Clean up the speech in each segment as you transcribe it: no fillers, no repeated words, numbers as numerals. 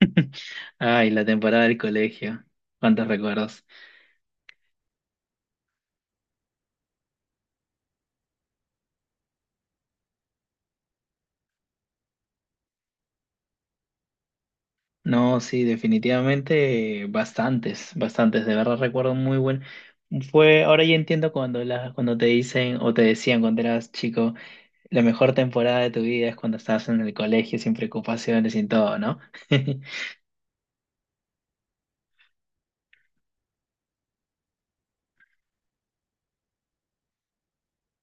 Ay, la temporada del colegio. ¿Cuántos recuerdos? No, sí, definitivamente bastantes, bastantes. De verdad recuerdo muy buen. Fue, ahora ya entiendo cuando cuando te dicen o te decían cuando eras chico, la mejor temporada de tu vida es cuando estabas en el colegio sin preocupaciones, sin todo, ¿no?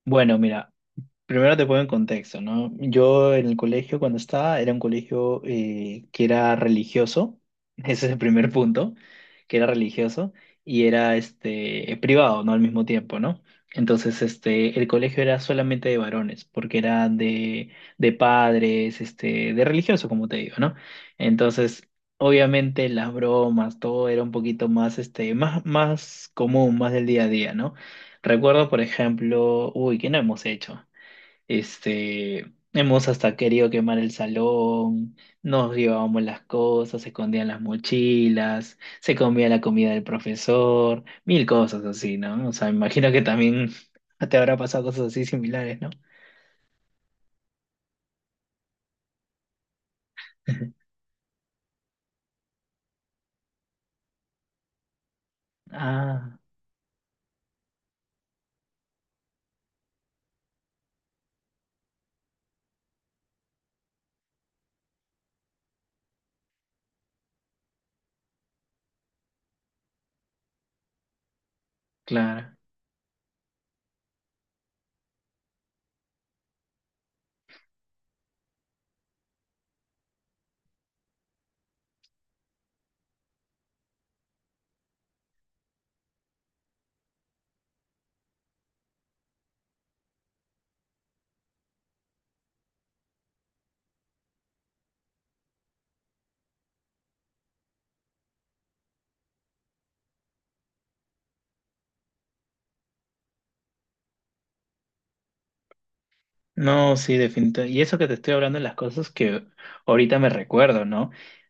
Bueno, mira. Primero te pongo en contexto, ¿no? Yo en el colegio cuando estaba era un colegio que era religioso, ese es el primer punto, que era religioso y era privado, ¿no? Al mismo tiempo, ¿no? Entonces, el colegio era solamente de varones, porque era de padres, de religioso, como te digo, ¿no? Entonces, obviamente las bromas, todo era un poquito más, más común, más del día a día, ¿no? Recuerdo, por ejemplo, uy, ¿qué no hemos hecho? Hemos hasta querido quemar el salón, nos llevábamos las cosas, se escondían las mochilas, se comía la comida del profesor, mil cosas así, ¿no? O sea, me imagino que también te habrá pasado cosas así similares, ¿no? Ah, claro. No, sí, definitivamente. Y eso que te estoy hablando de las cosas que ahorita me recuerdo, ¿no?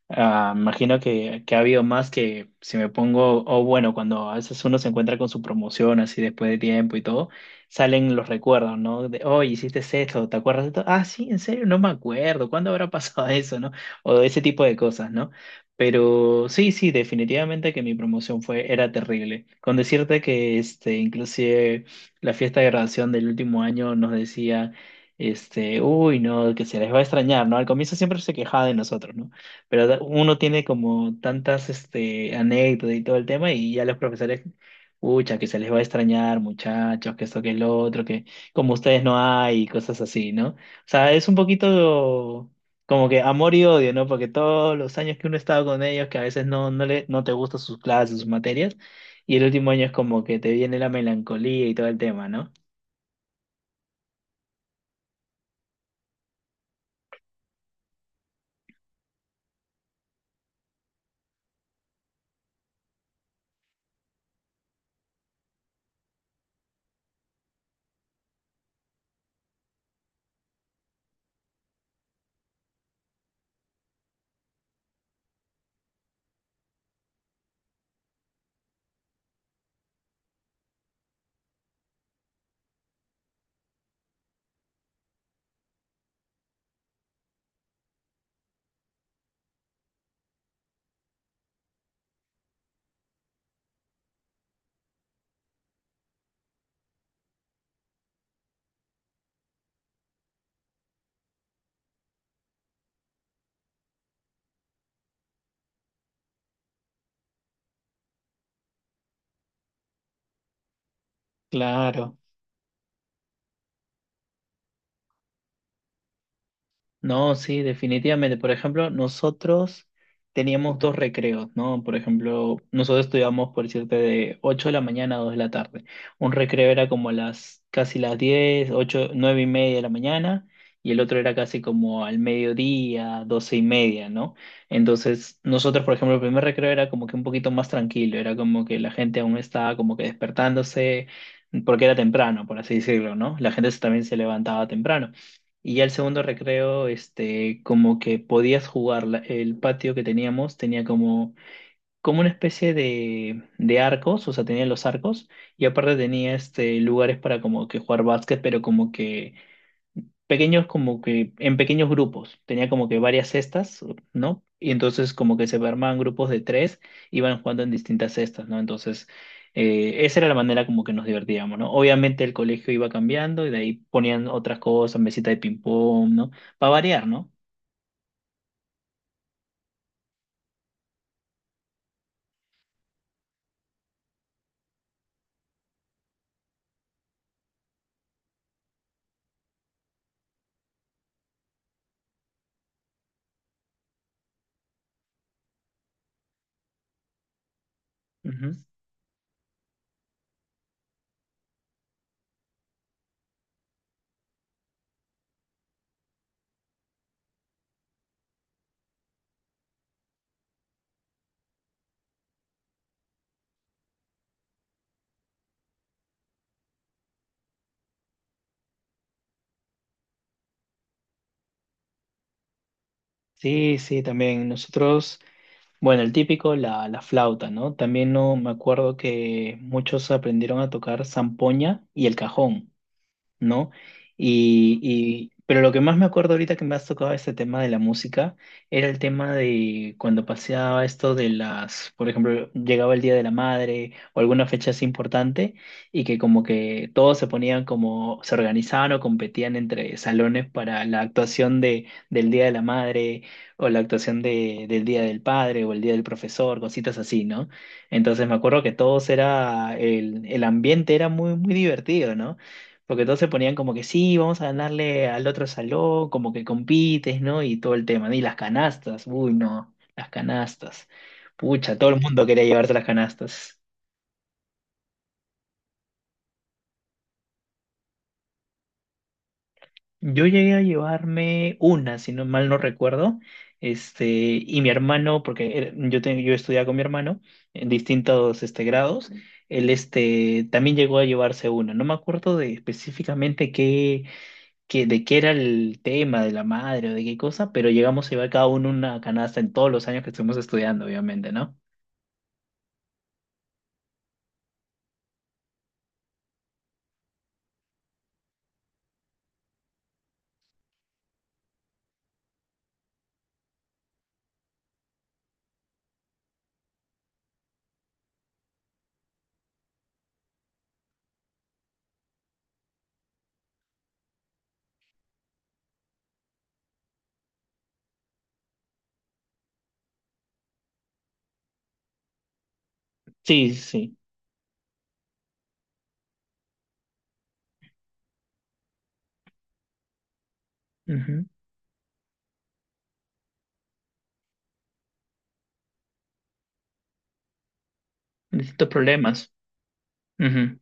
Ah, imagino que ha habido más que si me pongo, o bueno, cuando a veces uno se encuentra con su promoción así después de tiempo y todo, salen los recuerdos, ¿no? De, oh, hiciste esto, ¿te acuerdas de esto? Ah, sí, en serio, no me acuerdo, ¿cuándo habrá pasado eso?, ¿no? O de ese tipo de cosas, ¿no? Pero sí, sí, definitivamente que mi promoción fue, era terrible. Con decirte que inclusive la fiesta de graduación del último año nos decía... Uy, no, que se les va a extrañar, ¿no? Al comienzo siempre se quejaba de nosotros, ¿no? Pero uno tiene como tantas, anécdotas y todo el tema y ya los profesores, pucha, que se les va a extrañar, muchachos, que esto, que lo otro, que como ustedes no hay y cosas así, ¿no? O sea, es un poquito como que amor y odio, ¿no? Porque todos los años que uno ha estado con ellos, que a veces no, no le, no te gustan sus clases, sus materias, y el último año es como que te viene la melancolía y todo el tema, ¿no? Claro. No, sí, definitivamente. Por ejemplo, nosotros teníamos dos recreos, ¿no? Por ejemplo, nosotros estudiábamos, por decirte, de 8 de la mañana a 2 de la tarde. Un recreo era como las casi las 10 8 9:30 de la mañana, y el otro era casi como al mediodía, 12:30, ¿no? Entonces, nosotros, por ejemplo, el primer recreo era como que un poquito más tranquilo, era como que la gente aún estaba como que despertándose, porque era temprano, por así decirlo, ¿no? La gente también se levantaba temprano. Y ya el segundo recreo, como que podías jugar. El patio que teníamos tenía como una especie de arcos, o sea, tenía los arcos, y aparte tenía lugares para como que jugar básquet, pero como que pequeños como que en pequeños grupos. Tenía como que varias cestas, ¿no? Y entonces como que se armaban grupos de tres, iban jugando en distintas cestas, ¿no? Entonces esa era la manera como que nos divertíamos, ¿no? Obviamente el colegio iba cambiando y de ahí ponían otras cosas, mesita de ping pong, ¿no? Para variar, ¿no? Ujú. Sí, sí, también nosotros, bueno, el típico, la flauta, ¿no? También no me acuerdo que muchos aprendieron a tocar zampoña y el cajón, ¿no? Pero lo que más me acuerdo ahorita que me has tocado ese tema de la música era el tema de cuando paseaba esto de las, por ejemplo, llegaba el Día de la Madre o alguna fecha así importante y que como que todos se ponían como, se organizaban o competían entre salones para la actuación de, del Día de la Madre o la actuación de, del Día del Padre o el Día del Profesor, cositas así, ¿no? Entonces me acuerdo que todos era, el ambiente era muy, muy divertido, ¿no? Porque todos se ponían como que sí, vamos a ganarle al otro salón, como que compites, ¿no? Y todo el tema. Y las canastas, uy, no, las canastas. Pucha, todo el mundo quería llevarse las canastas. Yo llegué a llevarme una, si no mal no recuerdo. Y mi hermano, porque yo estudiaba con mi hermano en distintos grados, él también llegó a llevarse una. No me acuerdo de específicamente qué que de qué era el tema, de la madre o de qué cosa, pero llegamos a llevar cada uno una canasta en todos los años que estuvimos estudiando, obviamente, ¿no? Sí, sí, sí. Ujú. Distintos problemas. Ujú.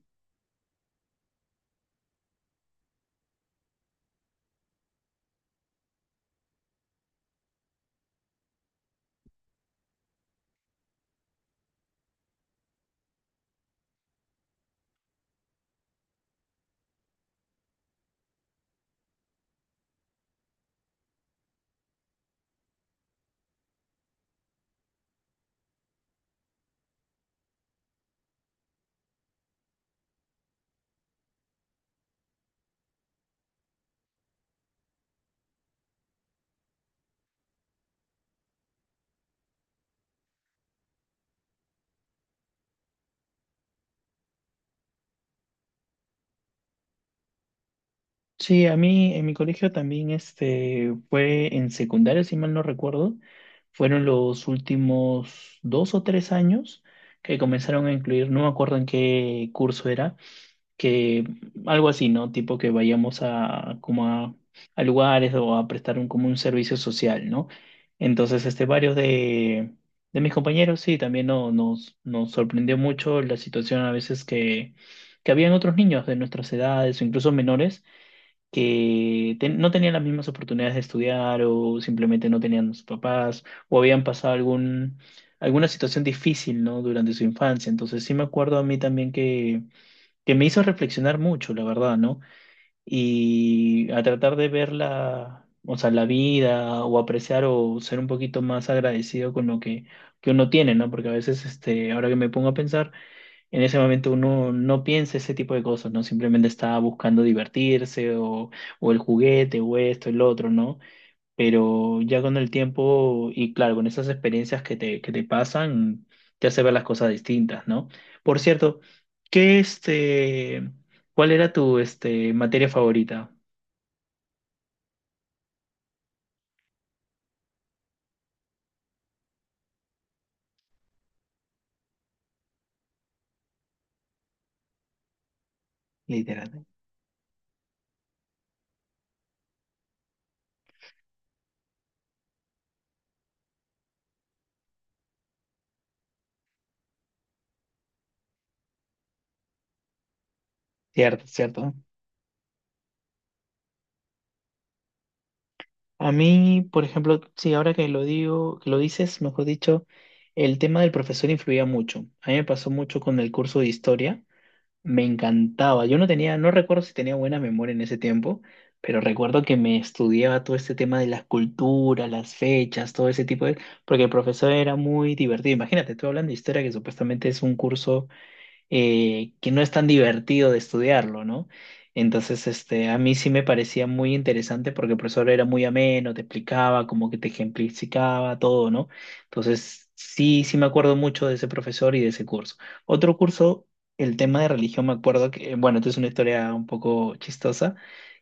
Sí, a mí en mi colegio también fue en secundaria, si mal no recuerdo, fueron los últimos 2 o 3 años que comenzaron a incluir, no me acuerdo en qué curso era, que algo así, ¿no? Tipo que vayamos a a lugares o a prestar un como un servicio social, ¿no? Entonces, varios de mis compañeros, sí, también nos sorprendió mucho la situación a veces que habían otros niños de nuestras edades o incluso menores que no tenían las mismas oportunidades de estudiar o simplemente no tenían sus papás o habían pasado algún, alguna situación difícil, ¿no? Durante su infancia. Entonces, sí me acuerdo a mí también que me hizo reflexionar mucho, la verdad, ¿no? Y a tratar de ver la, o sea, la vida o apreciar o ser un poquito más agradecido con lo que uno tiene, ¿no? Porque a veces, ahora que me pongo a pensar, en ese momento uno no piensa ese tipo de cosas, ¿no? Simplemente está buscando divertirse o el juguete o esto, el otro, ¿no? Pero ya con el tiempo y claro, con esas experiencias que te pasan, te hace ver las cosas distintas, ¿no? Por cierto, ¿qué este, ¿cuál era tu materia favorita? Literal. Cierto, cierto. A mí, por ejemplo, sí, ahora que lo digo, que lo dices, mejor dicho, el tema del profesor influía mucho. A mí me pasó mucho con el curso de historia. Me encantaba. Yo no tenía, no recuerdo si tenía buena memoria en ese tiempo, pero recuerdo que me estudiaba todo este tema de las culturas, las fechas, todo ese tipo de... Porque el profesor era muy divertido. Imagínate, estoy hablando de historia que supuestamente es un curso que no es tan divertido de estudiarlo, ¿no? Entonces, a mí sí me parecía muy interesante porque el profesor era muy ameno, te explicaba, como que te ejemplificaba todo, ¿no? Entonces, sí, sí me acuerdo mucho de ese profesor y de ese curso. Otro curso, el tema de religión, me acuerdo que, bueno, esto es una historia un poco chistosa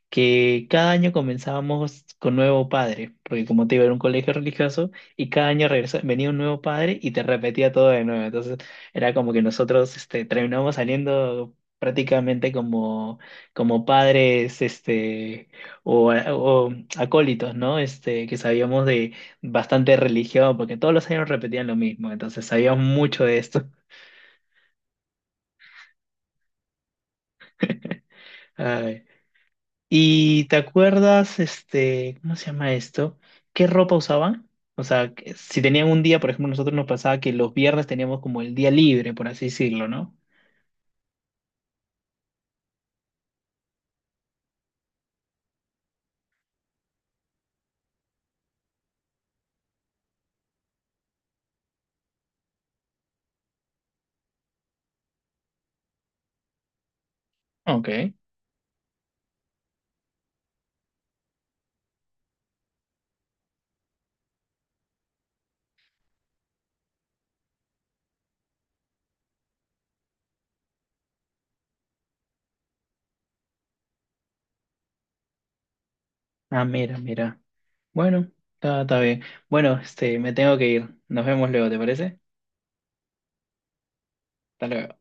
que cada año comenzábamos con nuevo padre, porque como te iba a un colegio religioso y cada año venía un nuevo padre y te repetía todo de nuevo. Entonces era como que nosotros terminábamos saliendo prácticamente como padres o acólitos, ¿no? Que sabíamos de bastante religión, porque todos los años repetían lo mismo, entonces sabíamos mucho de esto. ¿Y te acuerdas, cómo se llama esto? ¿Qué ropa usaban? O sea, que si tenían un día, por ejemplo, nosotros nos pasaba que los viernes teníamos como el día libre, por así decirlo, ¿no? Ok. Ah, mira, mira. Bueno, está bien. Bueno, me tengo que ir. Nos vemos luego, ¿te parece? Hasta luego.